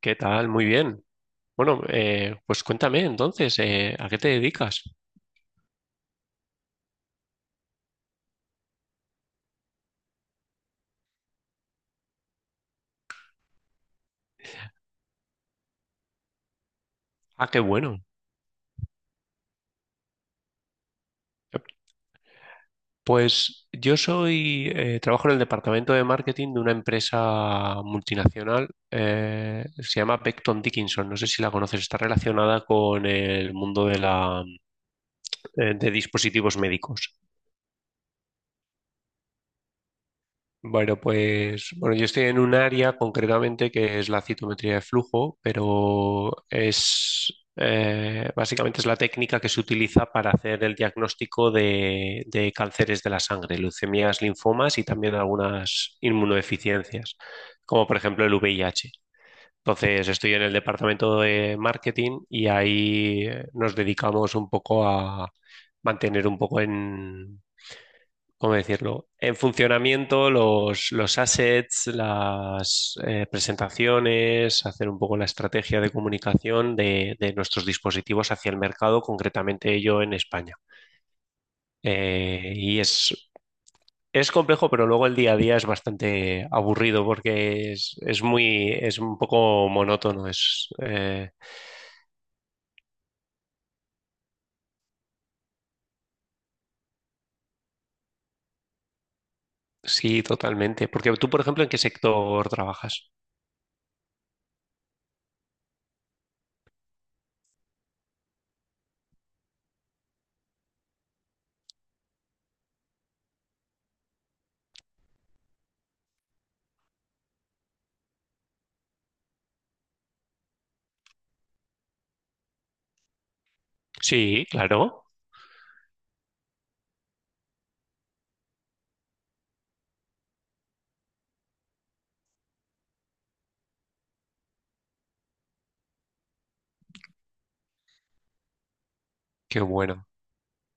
¿Qué tal? Muy bien. Bueno, pues cuéntame entonces, ¿a qué te dedicas? Ah, qué bueno. Eh, Pues yo soy, trabajo en el departamento de marketing de una empresa multinacional, se llama Becton Dickinson, no sé si la conoces, está relacionada con el mundo de la, de dispositivos médicos. Bueno, pues bueno, yo estoy en un área concretamente que es la citometría de flujo, pero es básicamente es la técnica que se utiliza para hacer el diagnóstico de cánceres de la sangre, leucemias, linfomas y también algunas inmunodeficiencias, como por ejemplo el VIH. Entonces, estoy en el departamento de marketing y ahí nos dedicamos un poco a mantener un poco en ¿cómo decirlo? En funcionamiento, los assets, las presentaciones, hacer un poco la estrategia de comunicación de nuestros dispositivos hacia el mercado, concretamente yo en España. Eh, y es, es complejo, pero luego el día a día es bastante aburrido porque es muy, es un poco monótono. Sí, totalmente. Porque tú, por ejemplo, ¿en qué sector trabajas? Sí, claro. Qué bueno.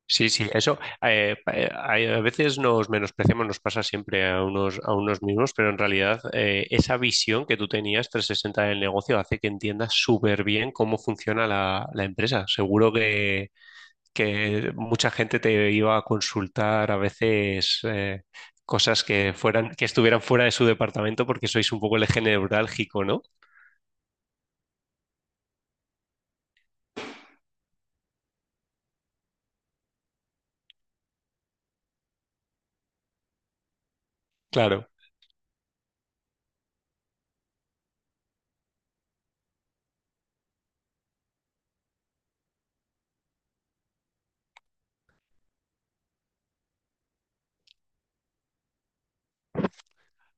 Sí, sí, eso a veces nos menospreciamos, nos pasa siempre a unos mismos, pero en realidad esa visión que tú tenías 360 del negocio hace que entiendas súper bien cómo funciona la empresa. Que mucha gente te iba a consultar a veces cosas que fueran, que estuvieran fuera de su departamento porque sois un poco el eje neurálgico, ¿no? Claro.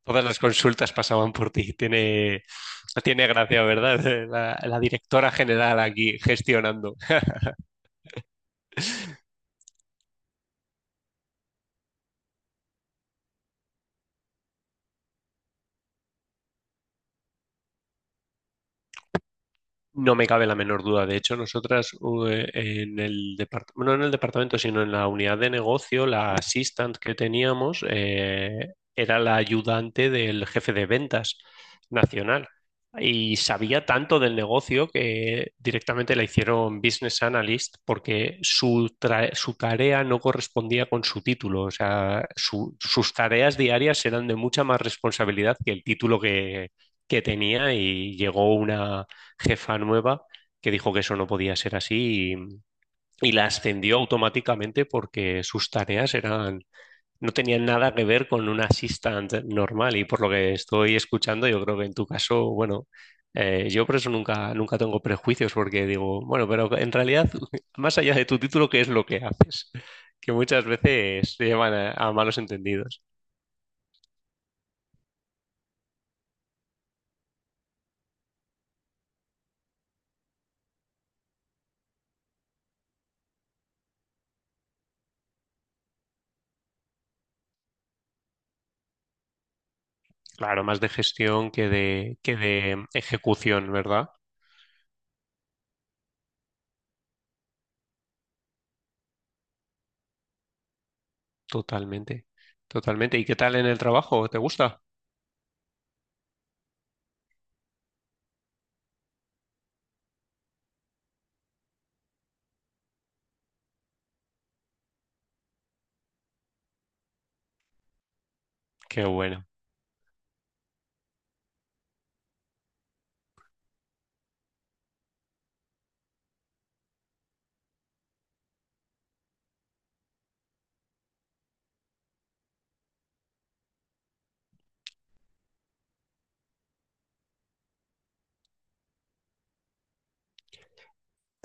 Todas las consultas pasaban por ti. Tiene gracia, ¿verdad? La directora general aquí gestionando. No me cabe la menor duda. De hecho, en el departamento, no en el departamento, sino en la unidad de negocio, la assistant que teníamos era la ayudante del jefe de ventas nacional y sabía tanto del negocio que directamente la hicieron business analyst porque su tarea no correspondía con su título. O sea, sus tareas diarias eran de mucha más responsabilidad que el título que tenía y llegó una jefa nueva que dijo que eso no podía ser así y la ascendió automáticamente porque sus tareas eran, no tenían nada que ver con un assistant normal y por lo que estoy escuchando, yo creo que en tu caso, bueno, yo por eso nunca, nunca tengo prejuicios porque digo, bueno, pero en realidad, más allá de tu título, ¿qué es lo que haces? Que muchas veces se llevan a malos entendidos. Claro, más de gestión que que de ejecución, ¿verdad? Totalmente, totalmente. ¿Y qué tal en el trabajo? ¿Te gusta? Qué bueno.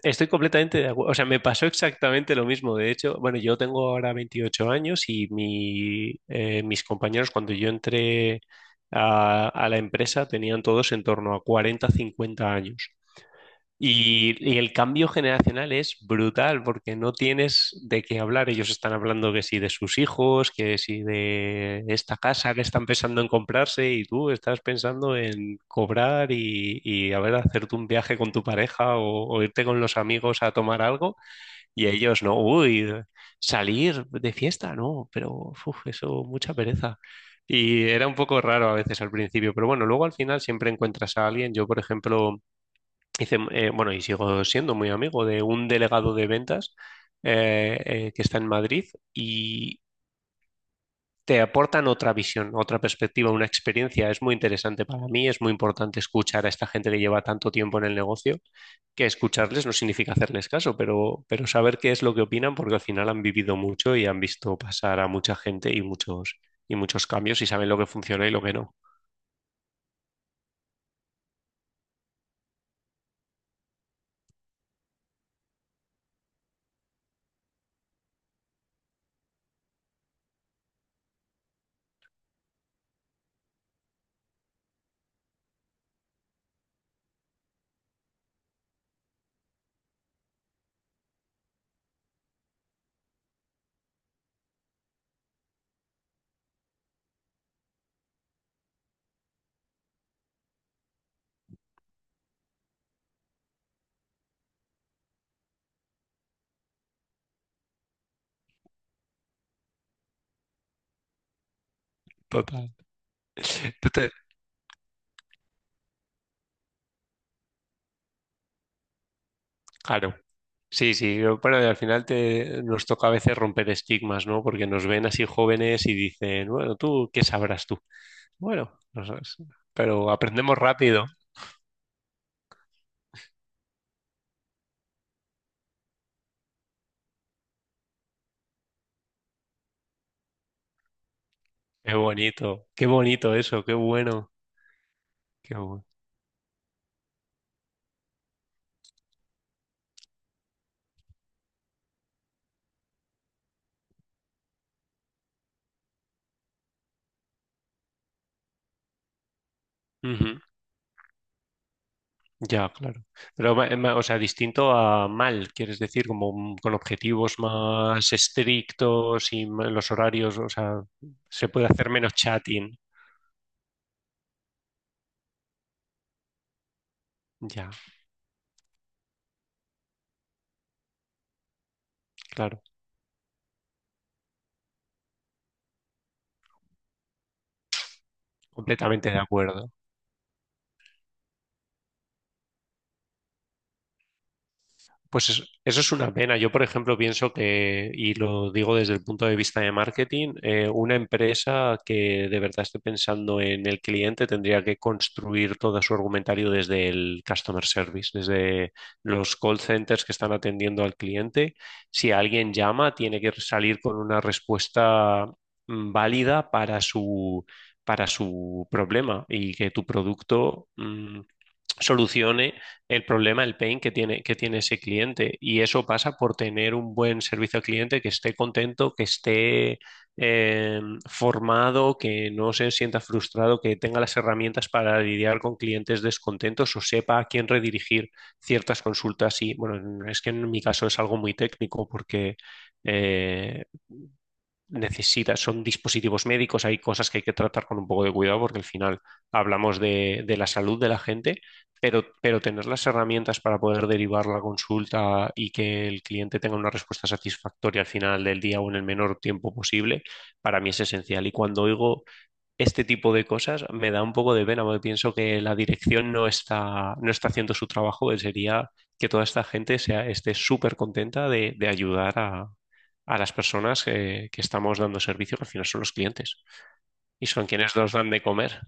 Estoy completamente de acuerdo. O sea, me pasó exactamente lo mismo. De hecho, bueno, yo tengo ahora 28 años y mis compañeros cuando yo entré a la empresa tenían todos en torno a 40-50 años. Y el cambio generacional es brutal porque no tienes de qué hablar. Ellos están hablando que sí de sus hijos, que sí de esta casa que están pensando en comprarse y tú estás pensando en cobrar y a ver, hacerte un viaje con tu pareja o irte con los amigos a tomar algo y ellos no, uy, salir de fiesta, no, pero uf, eso, mucha pereza. Y era un poco raro a veces al principio, pero bueno, luego al final siempre encuentras a alguien. Yo, por ejemplo... Hice, bueno, y sigo siendo muy amigo de un delegado de ventas que está en Madrid y te aportan otra visión, otra perspectiva, una experiencia. Es muy interesante para mí, es muy importante escuchar a esta gente que lleva tanto tiempo en el negocio, que escucharles no significa hacerles caso, pero saber qué es lo que opinan porque al final han vivido mucho y han visto pasar a mucha gente y muchos cambios y saben lo que funciona y lo que no. Total. Tú te- Claro. Sí, sí, yo- bueno, y al final te, nos toca a veces romper estigmas, ¿no? Porque nos ven así jóvenes y dicen, bueno, tú, ¿qué sabrás tú? Bueno, no sabes, pero aprendemos rápido. Qué bonito eso, qué bueno, qué bueno. Ujú, ya, claro. Pero, o sea, distinto a mal, quieres decir, como con objetivos más estrictos y los horarios, o sea, se puede hacer menos chatting. Ya, claro, completamente de acuerdo. Pues eso es una pena. Yo, por ejemplo, pienso que, y lo digo desde el punto de vista de marketing, una empresa que de verdad esté pensando en el cliente tendría que construir todo su argumentario desde el customer service, desde los call centers que están atendiendo al cliente. Si alguien llama, tiene que salir con una respuesta válida para su problema y que tu producto... solucione el problema, el pain que tiene ese cliente. Y eso pasa por tener un buen servicio al cliente, que esté contento, que esté eh, formado, que no se sienta frustrado, que tenga las herramientas para lidiar con clientes descontentos o sepa a quién redirigir ciertas consultas. Y bueno, es que en mi caso es algo muy técnico porque... eh, necesita, son dispositivos médicos, hay cosas que hay que tratar con un poco de cuidado porque al final hablamos de la salud de la gente, pero tener las herramientas para poder derivar la consulta y que el cliente tenga una respuesta satisfactoria al final del día o en el menor tiempo posible, para mí es esencial. Y cuando oigo este tipo de cosas me da un poco de pena, porque pienso que la dirección no está, no está haciendo su trabajo, que sería que toda esta gente sea, esté súper contenta de ayudar a las personas que estamos dando servicio, que al final son los clientes, y son quienes nos dan de comer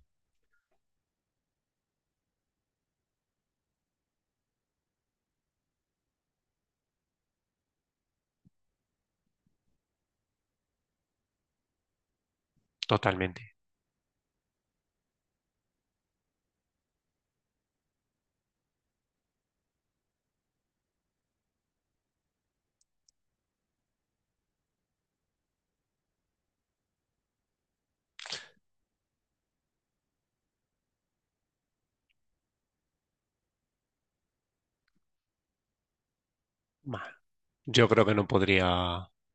totalmente. Yo creo que no podría.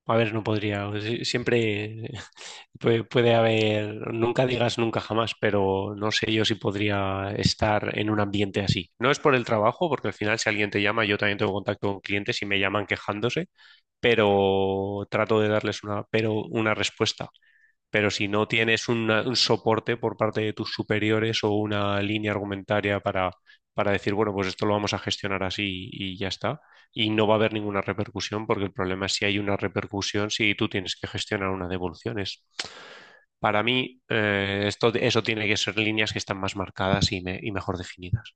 A ver, no podría. Siempre puede, puede haber. Nunca digas nunca jamás, pero no sé yo si podría estar en un ambiente así. No es por el trabajo, porque al final, si alguien te llama, yo también tengo contacto con clientes y me llaman quejándose, pero trato de darles una, pero una respuesta. Pero si no tienes un soporte por parte de tus superiores o una línea argumentaria para decir, bueno, pues esto lo vamos a gestionar así y ya está, y no va a haber ninguna repercusión, porque el problema es si hay una repercusión, si tú tienes que gestionar unas devoluciones. Para mí, eso tiene que ser líneas que están más marcadas y, y mejor definidas.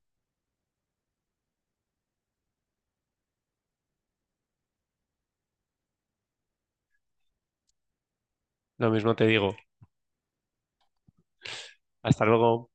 Lo mismo te digo, hasta luego.